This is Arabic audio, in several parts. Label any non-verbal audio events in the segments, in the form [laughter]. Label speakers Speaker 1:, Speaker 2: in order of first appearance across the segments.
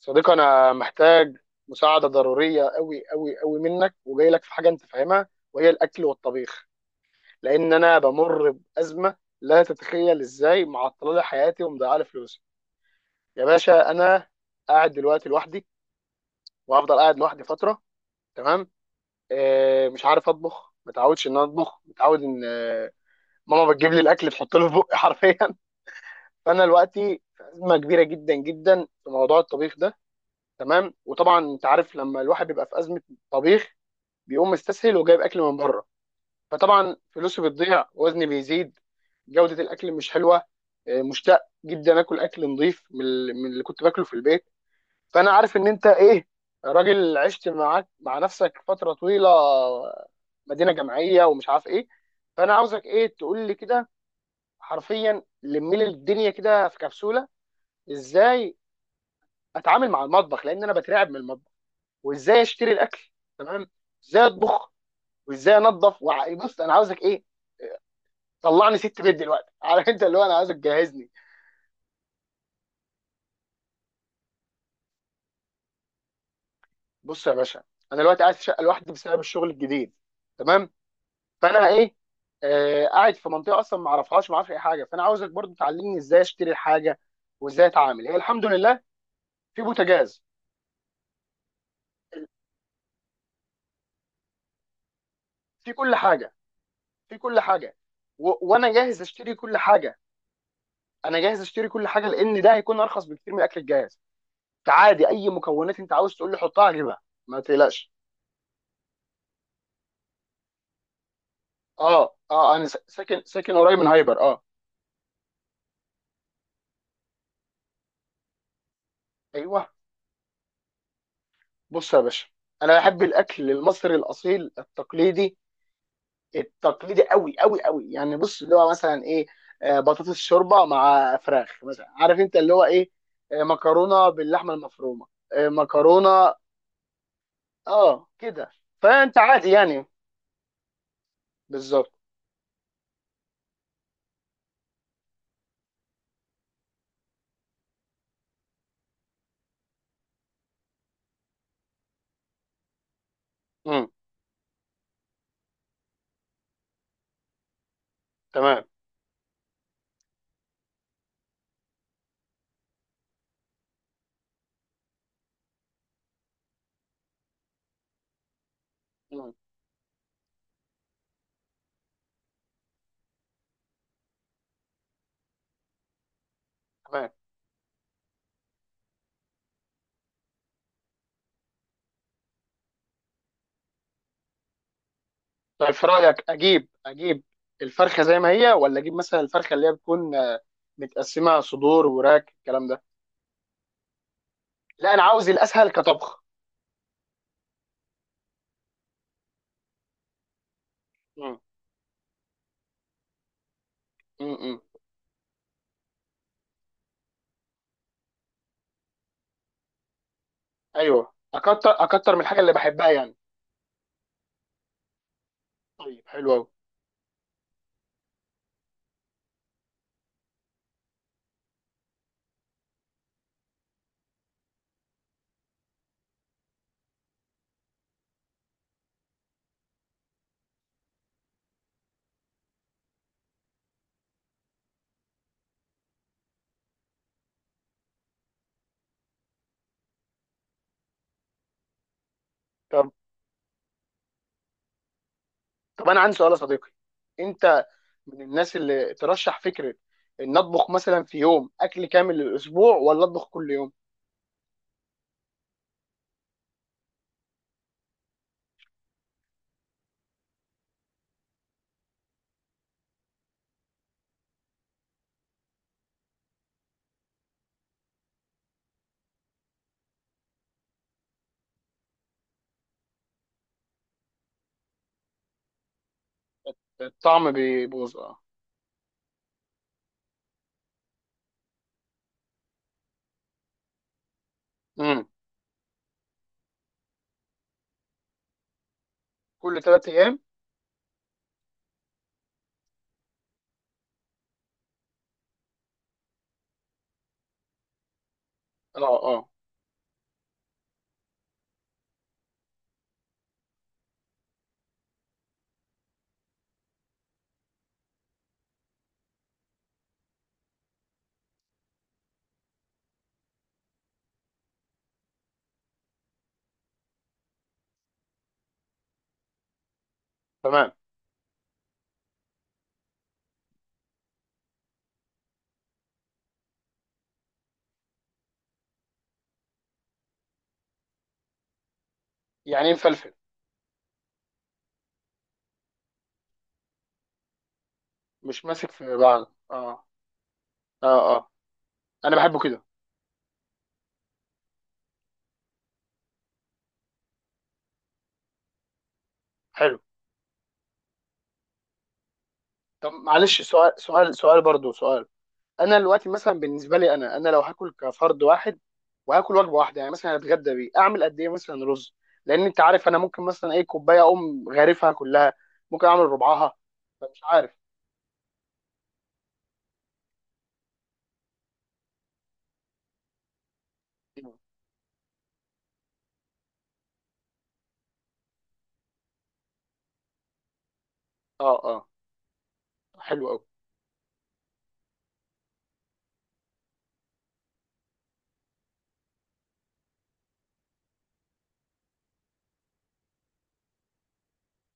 Speaker 1: صديقي، انا محتاج مساعده ضروريه قوي قوي قوي منك، وجاي لك في حاجه انت فاهمها، وهي الاكل والطبيخ. لان انا بمر بازمه لا تتخيل ازاي معطله لي حياتي ومضيعه لي فلوسي. يا باشا، انا قاعد دلوقتي لوحدي، وهفضل قاعد لوحدي فتره. تمام. مش عارف اطبخ، متعودش ان انا اطبخ، متعود ان ماما بتجيب لي الاكل تحط له في بقي حرفيا. [laughs] فانا دلوقتي في ازمه كبيره جدا جدا في موضوع الطبيخ ده. تمام. وطبعا انت عارف، لما الواحد بيبقى في ازمه طبيخ بيقوم مستسهل وجايب اكل من بره، فطبعا فلوسه بتضيع، وزني بيزيد، جوده الاكل مش حلوه. مشتاق جدا اكل نظيف، من اللي كنت باكله في البيت. فانا عارف ان انت ايه، راجل عشت معاك مع نفسك فتره طويله، مدينه جامعيه ومش عارف ايه. فانا عاوزك ايه، تقول لي كده حرفيا، لمي لي الدنيا كده في كبسوله. ازاي اتعامل مع المطبخ، لان انا بترعب من المطبخ، وازاي اشتري الاكل. تمام. ازاي اطبخ، وازاي انظف، بص انا عاوزك ايه، طلعني ست بيت دلوقتي. [laughs] عارف انت اللي هو، انا عايزك تجهزني. بص يا باشا، انا دلوقتي قاعد في شقه لوحدي بسبب الشغل الجديد. تمام. فانا ايه، قاعد في منطقه اصلا ما اعرفهاش، ما اعرفش اي حاجه. فانا عاوزك برضو تعلمني ازاي اشتري الحاجه وازاي اتعامل. هي الحمد لله في بوتاجاز، في كل حاجه، في كل حاجه. وانا جاهز اشتري كل حاجه. انا جاهز اشتري كل حاجه، لان ده هيكون ارخص بكتير من الاكل الجاهز. عادي اي مكونات انت عاوز تقول لي حطها اجيبها، ما تقلقش. اه، اه، انا ساكن قريب من هايبر، اه. ايوه. بص يا باشا، انا بحب الاكل المصري الاصيل التقليدي، التقليدي قوي قوي قوي. يعني بص اللي هو مثلا ايه، بطاطس، شوربه مع فراخ مثلا، عارف انت اللي هو ايه، مكرونه باللحمه المفرومه، مكرونه. اه كده، فانت عادي يعني. بالظبط. امم تمام. مم. تمام. طيب، في رايك اجيب، اجيب الفرخه زي ما هي، ولا اجيب مثلا الفرخه اللي هي بتكون متقسمه، صدور وراك الكلام ده؟ لا، انا عاوز الاسهل كطبخ. امم ايوه، اكتر من الحاجه اللي بحبها يعني. طيب حلو قوي. طب طب انا عندي سؤال يا صديقي، انت من الناس اللي ترشح فكره ان اطبخ مثلا في يوم اكل كامل للاسبوع، ولا اطبخ كل يوم؟ الطعم بيبوظ، اه. امم. كل 3 ايام. اه، اه. تمام. يعني إيه مفلفل؟ مش ماسك في بعض، اه. اه، اه، انا بحبه كده. حلو. طب معلش، سؤال، سؤال، سؤال برضو، سؤال. انا دلوقتي مثلا بالنسبه لي، انا لو هاكل كفرد واحد وهاكل وجبه واحده، يعني مثلا هتغدى بيه، اعمل قد ايه مثلا رز؟ لان انت عارف انا ممكن مثلا ايه، كوبايه اقوم غارفها كلها، ممكن اعمل ربعها، فمش عارف. اه، اه. حلو قوي.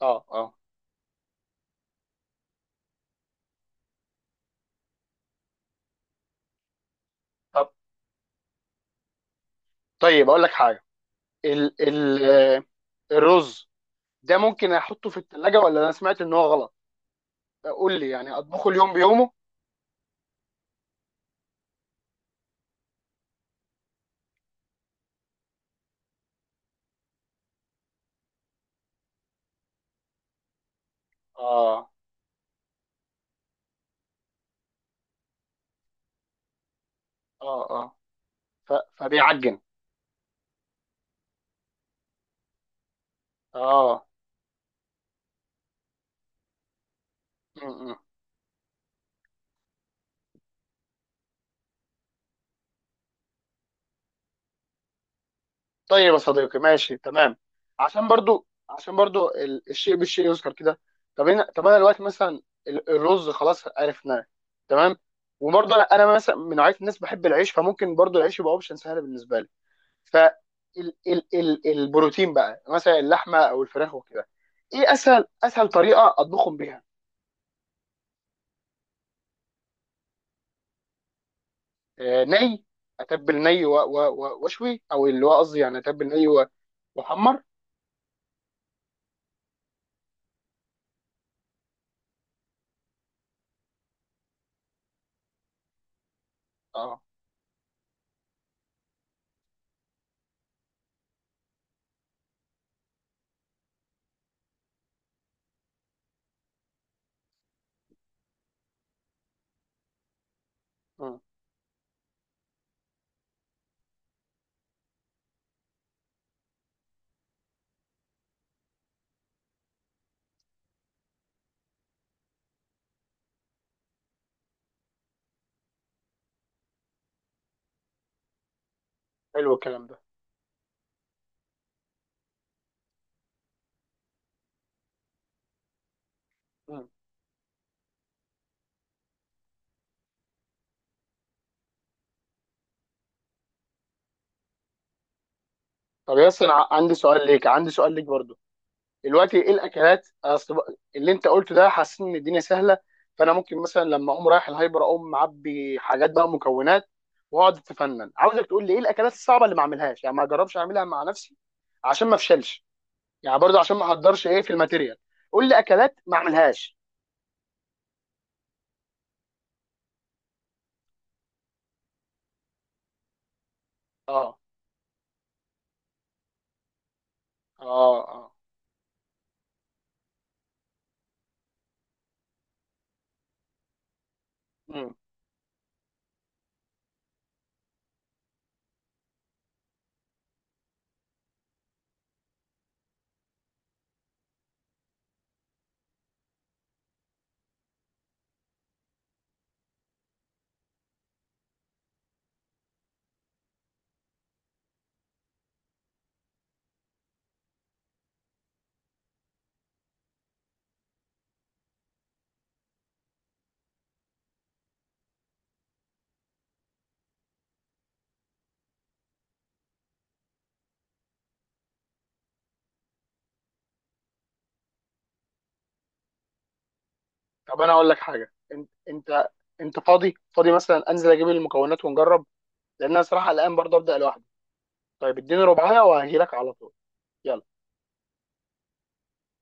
Speaker 1: اه، اه. طب، طيب اقول لك حاجه. ال ال آه، الرز ده ممكن احطه في الثلاجه، ولا انا سمعت ان هو غلط؟ قول لي، يعني اطبخه اليوم بيومه؟ اه. اه، اه، ف- فبيعجن. اه. م- م. طيب يا صديقي، ماشي، تمام. عشان برضو، الشيء بالشيء يذكر كده. طب انا دلوقتي مثلا، الرز خلاص عرفناه. تمام. وبرضه انا، مثلا من نوعيه الناس بحب العيش، فممكن برضو العيش يبقى اوبشن سهل بالنسبه لي. ف ال ال ال البروتين بقى، مثلا اللحمه او الفراخ وكده، ايه اسهل طريقه اطبخهم بيها؟ ني، اتبل ني واشوي، او اللي هو قصدي يعني اتبل ني واحمر. اه. مم. حلو الكلام ده. طب ياسر، عندي سؤال ليك، عندي سؤال ليك برضو. دلوقتي ايه الاكلات، أصل اللي انت قلته ده حاسس ان الدنيا سهله، فانا ممكن مثلا لما اقوم رايح الهايبر اقوم معبي حاجات بقى، مكونات، واقعد اتفنن. عاوزك تقول لي ايه الاكلات الصعبه اللي ما اعملهاش، يعني ما اجربش اعملها مع نفسي عشان ما افشلش، يعني برضو عشان ما احضرش ايه في الماتيريال. قول لي اكلات ما اعملهاش. اه، اه، اه. مم. طب انا اقول لك حاجه، انت فاضي مثلا انزل اجيب المكونات ونجرب؟ لان انا صراحه الان برضو ابدا لوحدي. طيب اديني ربعايه وهجيلك على طول. يلا.